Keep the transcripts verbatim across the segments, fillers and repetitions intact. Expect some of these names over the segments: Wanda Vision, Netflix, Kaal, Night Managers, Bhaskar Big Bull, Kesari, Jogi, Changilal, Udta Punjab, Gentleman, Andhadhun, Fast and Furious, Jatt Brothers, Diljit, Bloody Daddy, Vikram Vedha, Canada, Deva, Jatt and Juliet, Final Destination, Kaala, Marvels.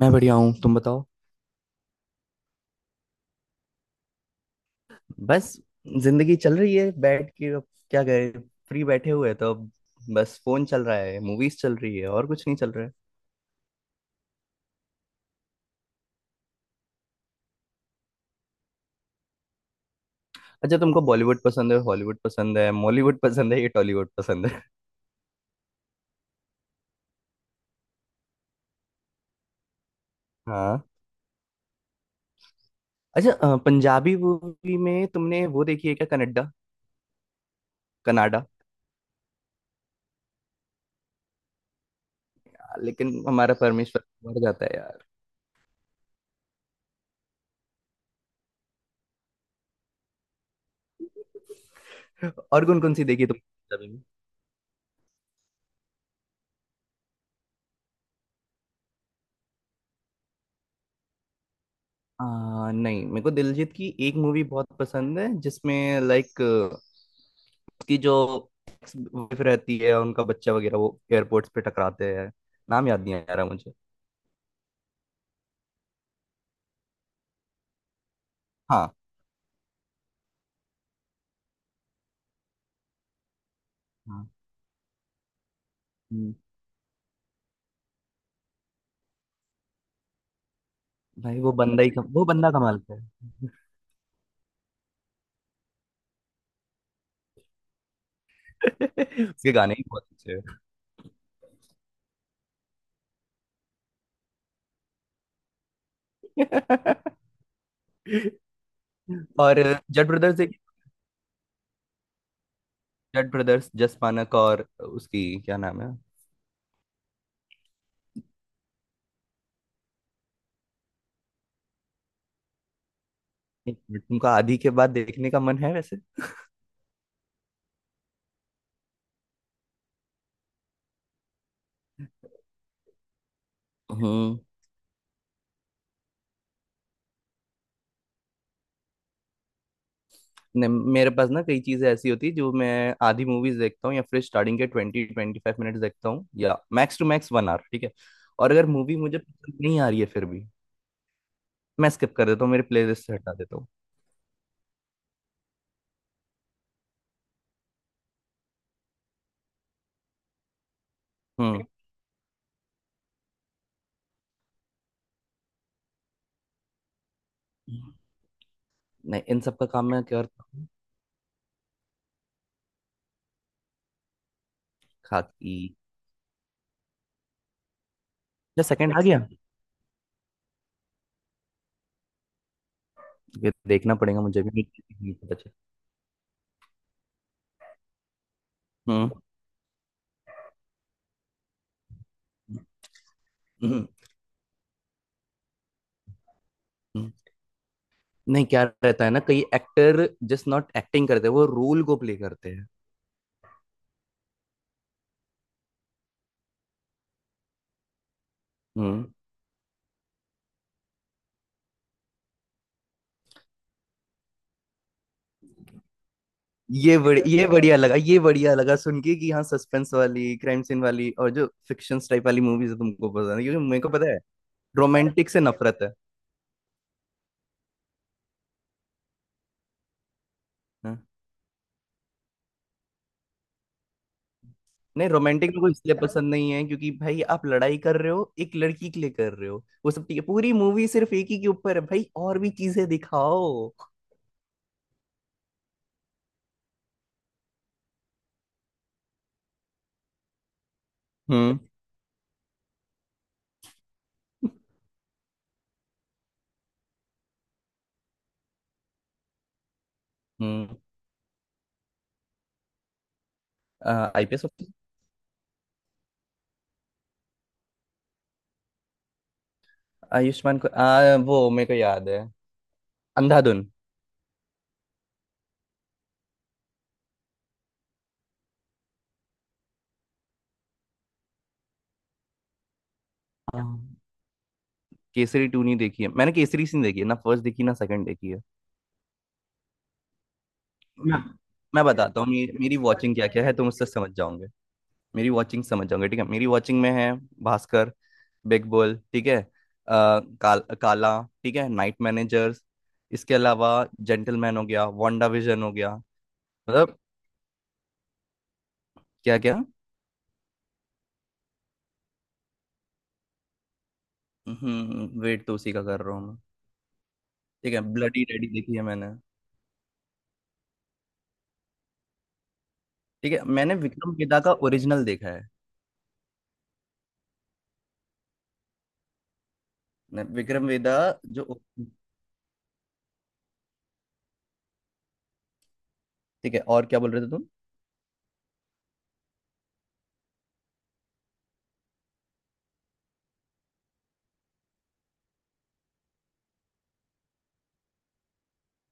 मैं बढ़िया हूँ। तुम बताओ। बस जिंदगी चल रही है बैठ के अब। क्या करे? फ्री बैठे हुए हैं तो अब बस फोन चल रहा है, मूवीज चल रही है, और कुछ नहीं चल रहा है। अच्छा, तुमको बॉलीवुड पसंद है, हॉलीवुड पसंद है, मॉलीवुड पसंद है, या टॉलीवुड पसंद है? हाँ। अच्छा, अ, पंजाबी मूवी में तुमने वो देखी है क्या, कनाडा? कनाडा। लेकिन हमारा परमेश्वर मर जाता है यार। और कौन कौन सी देखी तुमने पंजाबी में? आ, नहीं, मेरे को दिलजीत की एक मूवी बहुत पसंद है, जिसमें लाइक उसकी जो वाइफ रहती है, उनका बच्चा वगैरह, वो एयरपोर्ट्स पे टकराते हैं। नाम याद नहीं आ रहा मुझे। हाँ, हाँ। हम्म। भाई वो बंदा ही कम, वो बंदा कमाल का है। उसके गाने ही बहुत अच्छे हैं। और जट ब्रदर्स एक, जट ब्रदर्स जस मानक और उसकी, क्या नाम है? एक मिनट, तुमका आधी के बाद देखने का मन है वैसे? हम्म। नहीं, मेरे पास ना कई चीज़ें ऐसी होती है जो मैं आधी मूवीज देखता हूँ, या फिर स्टार्टिंग के ट्वेंटी ट्वेंटी फाइव मिनट्स देखता हूँ, या max to max one hour, ठीक है। और अगर मूवी मुझे पसंद नहीं आ रही है फिर भी, मैं स्किप कर देता हूँ, मेरे प्लेलिस्ट से हटा देता हूँ। हम्म। नहीं, इन सब का काम मैं क्या करता हूँ। खाकी? या सेकंड आ गया? ये देखना पड़ेगा, मुझे भी नहीं पता चला। हम्म। हम्म। हम्म। हम्म। नहीं, क्या रहता है ना, कई एक्टर जस्ट नॉट एक्टिंग करते, वो रोल को प्ले करते हैं। हम्म। ये बड़, ये बढ़िया लगा ये बढ़िया लगा सुन के कि हाँ, सस्पेंस वाली, क्राइम सीन वाली, और जो फिक्शन टाइप वाली मूवीज तुमको पसंद है, क्योंकि मेरे को पता है। रोमांटिक से नफरत है। हाँ। नहीं, रोमांटिक मेरे को इसलिए पसंद नहीं है क्योंकि भाई, आप लड़ाई कर रहे हो, एक लड़की के लिए कर रहे हो, वो सब ठीक है, पूरी मूवी सिर्फ एक ही के ऊपर है। भाई, और भी चीजें दिखाओ। हम्म। हम्म। I P I. आयुष्मान को, आ, वो मेरे को याद है, अंधाधुन। हाँ। केसरी टू नहीं देखी है मैंने, केसरी सीन देखी है, ना फर्स्ट देखी ना सेकंड देखी है। मैं मैं बताता हूँ मेरी, मेरी वॉचिंग क्या क्या है, तुम उससे समझ जाओगे। मेरी वॉचिंग समझ जाओगे, ठीक है। मेरी वॉचिंग में है भास्कर, बिग बुल, ठीक है, आ, काल, काला, ठीक है, नाइट मैनेजर्स, इसके अलावा जेंटलमैन हो गया, वांडा विजन हो गया। मतलब, क्या क्या। हम्म, वेट तो उसी का कर रहा हूँ मैं। ठीक है, ब्लडी रेडी देखी है मैंने। ठीक है, मैंने विक्रम वेदा का ओरिजिनल देखा है। मैं- विक्रम वेदा जो, ठीक है। और क्या बोल रहे थे तुम?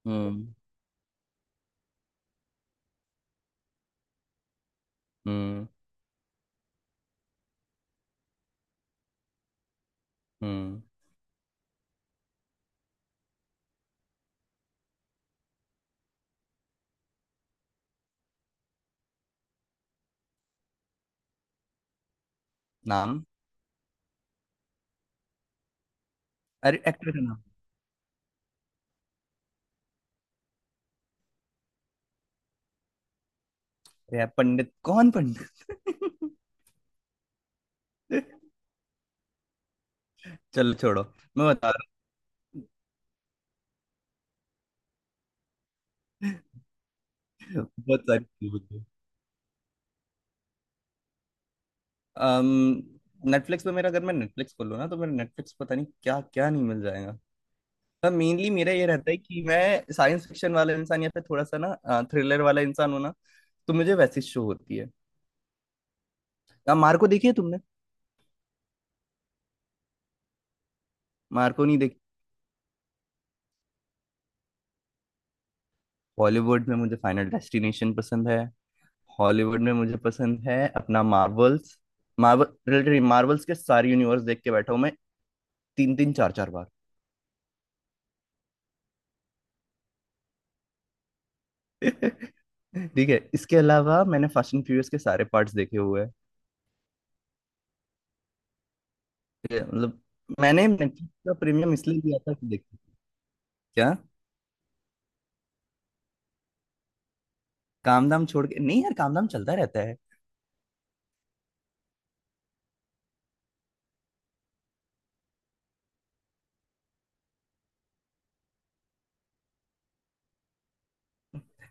हम्म। हम्म। हम्म। नाम? अरे, एक्टर का नाम। अरे यार, पंडित कौन पंडित? चलो छोड़ो, मैं बता रहा हूँ। बहुत सारी चीजें होती हैं। अम्म नेटफ्लिक्स पे मेरा, अगर मैं नेटफ्लिक्स खोलूँ ना, तो मेरा नेटफ्लिक्स पता नहीं क्या क्या नहीं मिल जाएगा। मेनली मेरा ये रहता है कि मैं साइंस फिक्शन वाला इंसान या फिर थोड़ा सा ना थ्रिलर वाला इंसान हूँ ना, तो मुझे वैसी शो होती है। अब मार्को देखी है तुमने? मार्को नहीं देखी। बॉलीवुड में मुझे फाइनल डेस्टिनेशन पसंद है। हॉलीवुड में मुझे पसंद है अपना मार्वल्स। मार्वल रिलेटेड, मार्वल्स के सारे यूनिवर्स देख के बैठा हूं मैं तीन तीन, चार चार बार। ठीक है, इसके अलावा मैंने फास्ट एंड फ्यूरियस के सारे पार्ट्स देखे हुए हैं। ठीक है, मतलब मैंने नेटफ्लिक्स का प्रीमियम इसलिए लिया था कि देखो। क्या? काम धाम छोड़ के नहीं यार, काम धाम चलता रहता है।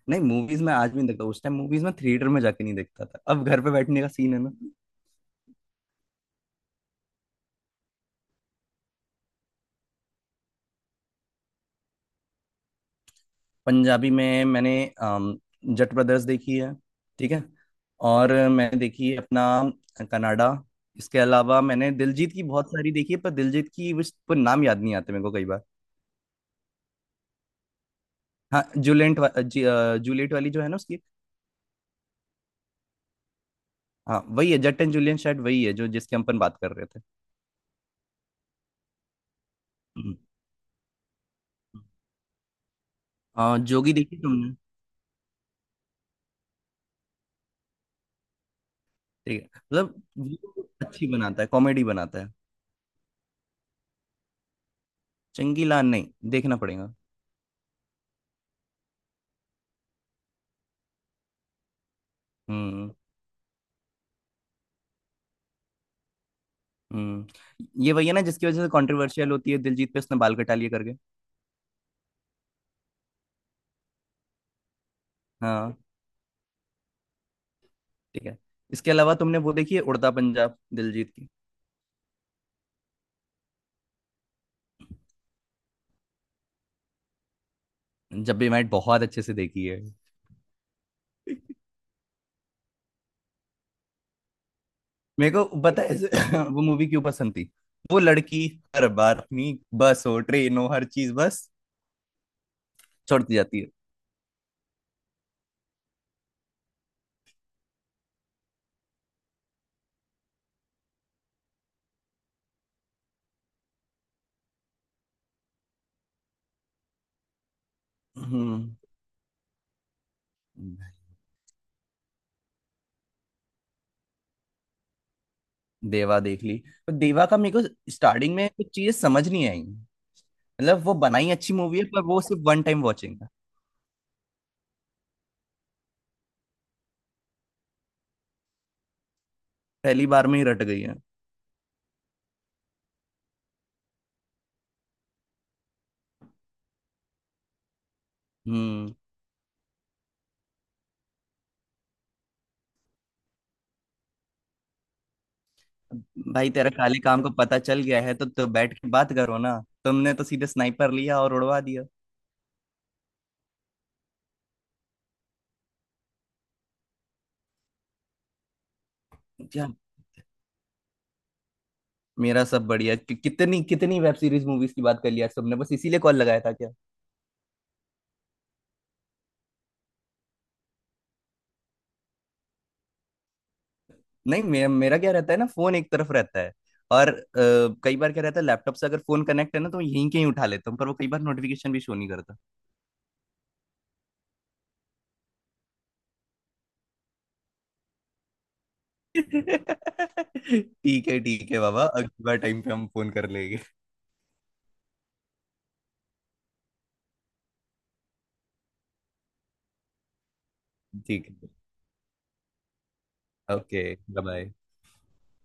नहीं, मूवीज में आज भी नहीं देखता, उस टाइम मूवीज में थिएटर में जाके नहीं देखता था, अब घर पे बैठने का सीन है ना। पंजाबी में मैंने अम, जट ब्रदर्स देखी है, ठीक है। और मैंने देखी है अपना कनाडा। इसके अलावा मैंने दिलजीत की बहुत सारी देखी है, पर दिलजीत की उस पर नाम याद नहीं आते मेरे को कई बार। हाँ, जूलेंट वा, जी, अ, जूलियट वाली जो है ना उसकी। हाँ वही है, जट एंड जूलियन शायद वही है जो जिसके हम अपन बात कर रहे थे। हम्म। आ, जोगी देखी तुमने? ठीक है, मतलब वो अच्छी बनाता है, कॉमेडी बनाता है। चंगीलाल नहीं? देखना पड़ेगा। हम्म। हम्म, ये वही है ना जिसकी वजह से कंट्रोवर्शियल होती है दिलजीत पे, उसने बाल कटा लिए करके। हाँ। ठीक है, इसके अलावा तुमने वो देखी है उड़ता पंजाब दिलजीत की? जब भी मैट बहुत अच्छे से देखी है। मेरे को पता है वो मूवी क्यों पसंद थी। वो लड़की हर बार अपनी बस हो, ट्रेन हो, हर चीज बस छोड़ती जाती है। हम्म। देवा देख ली, पर देवा का मेरे को स्टार्टिंग में कुछ चीजें समझ नहीं आई। मतलब, वो बनाई अच्छी मूवी है, पर वो सिर्फ वन टाइम वॉचिंग है। पहली बार में ही रट गई है। हम्म। भाई तेरा काले काम को पता चल गया है तो, तो, बैठ के बात करो ना। तुमने तो सीधे स्नाइपर लिया और उड़वा दिया। क्या, मेरा सब बढ़िया कि, कितनी कितनी वेब सीरीज मूवीज की बात कर लिया तुमने? बस इसीलिए कॉल लगाया था। नहीं, मेरा मेरा क्या रहता है ना, फोन एक तरफ रहता है। और अ, कई बार क्या रहता है, लैपटॉप से अगर फोन कनेक्ट है ना, तो यहीं कहीं उठा लेता हूँ, पर वो कई बार नोटिफिकेशन भी शो नहीं करता। ठीक है, ठीक है बाबा, अगली बार टाइम पे हम फोन कर लेंगे। ठीक है। ओके। बाय।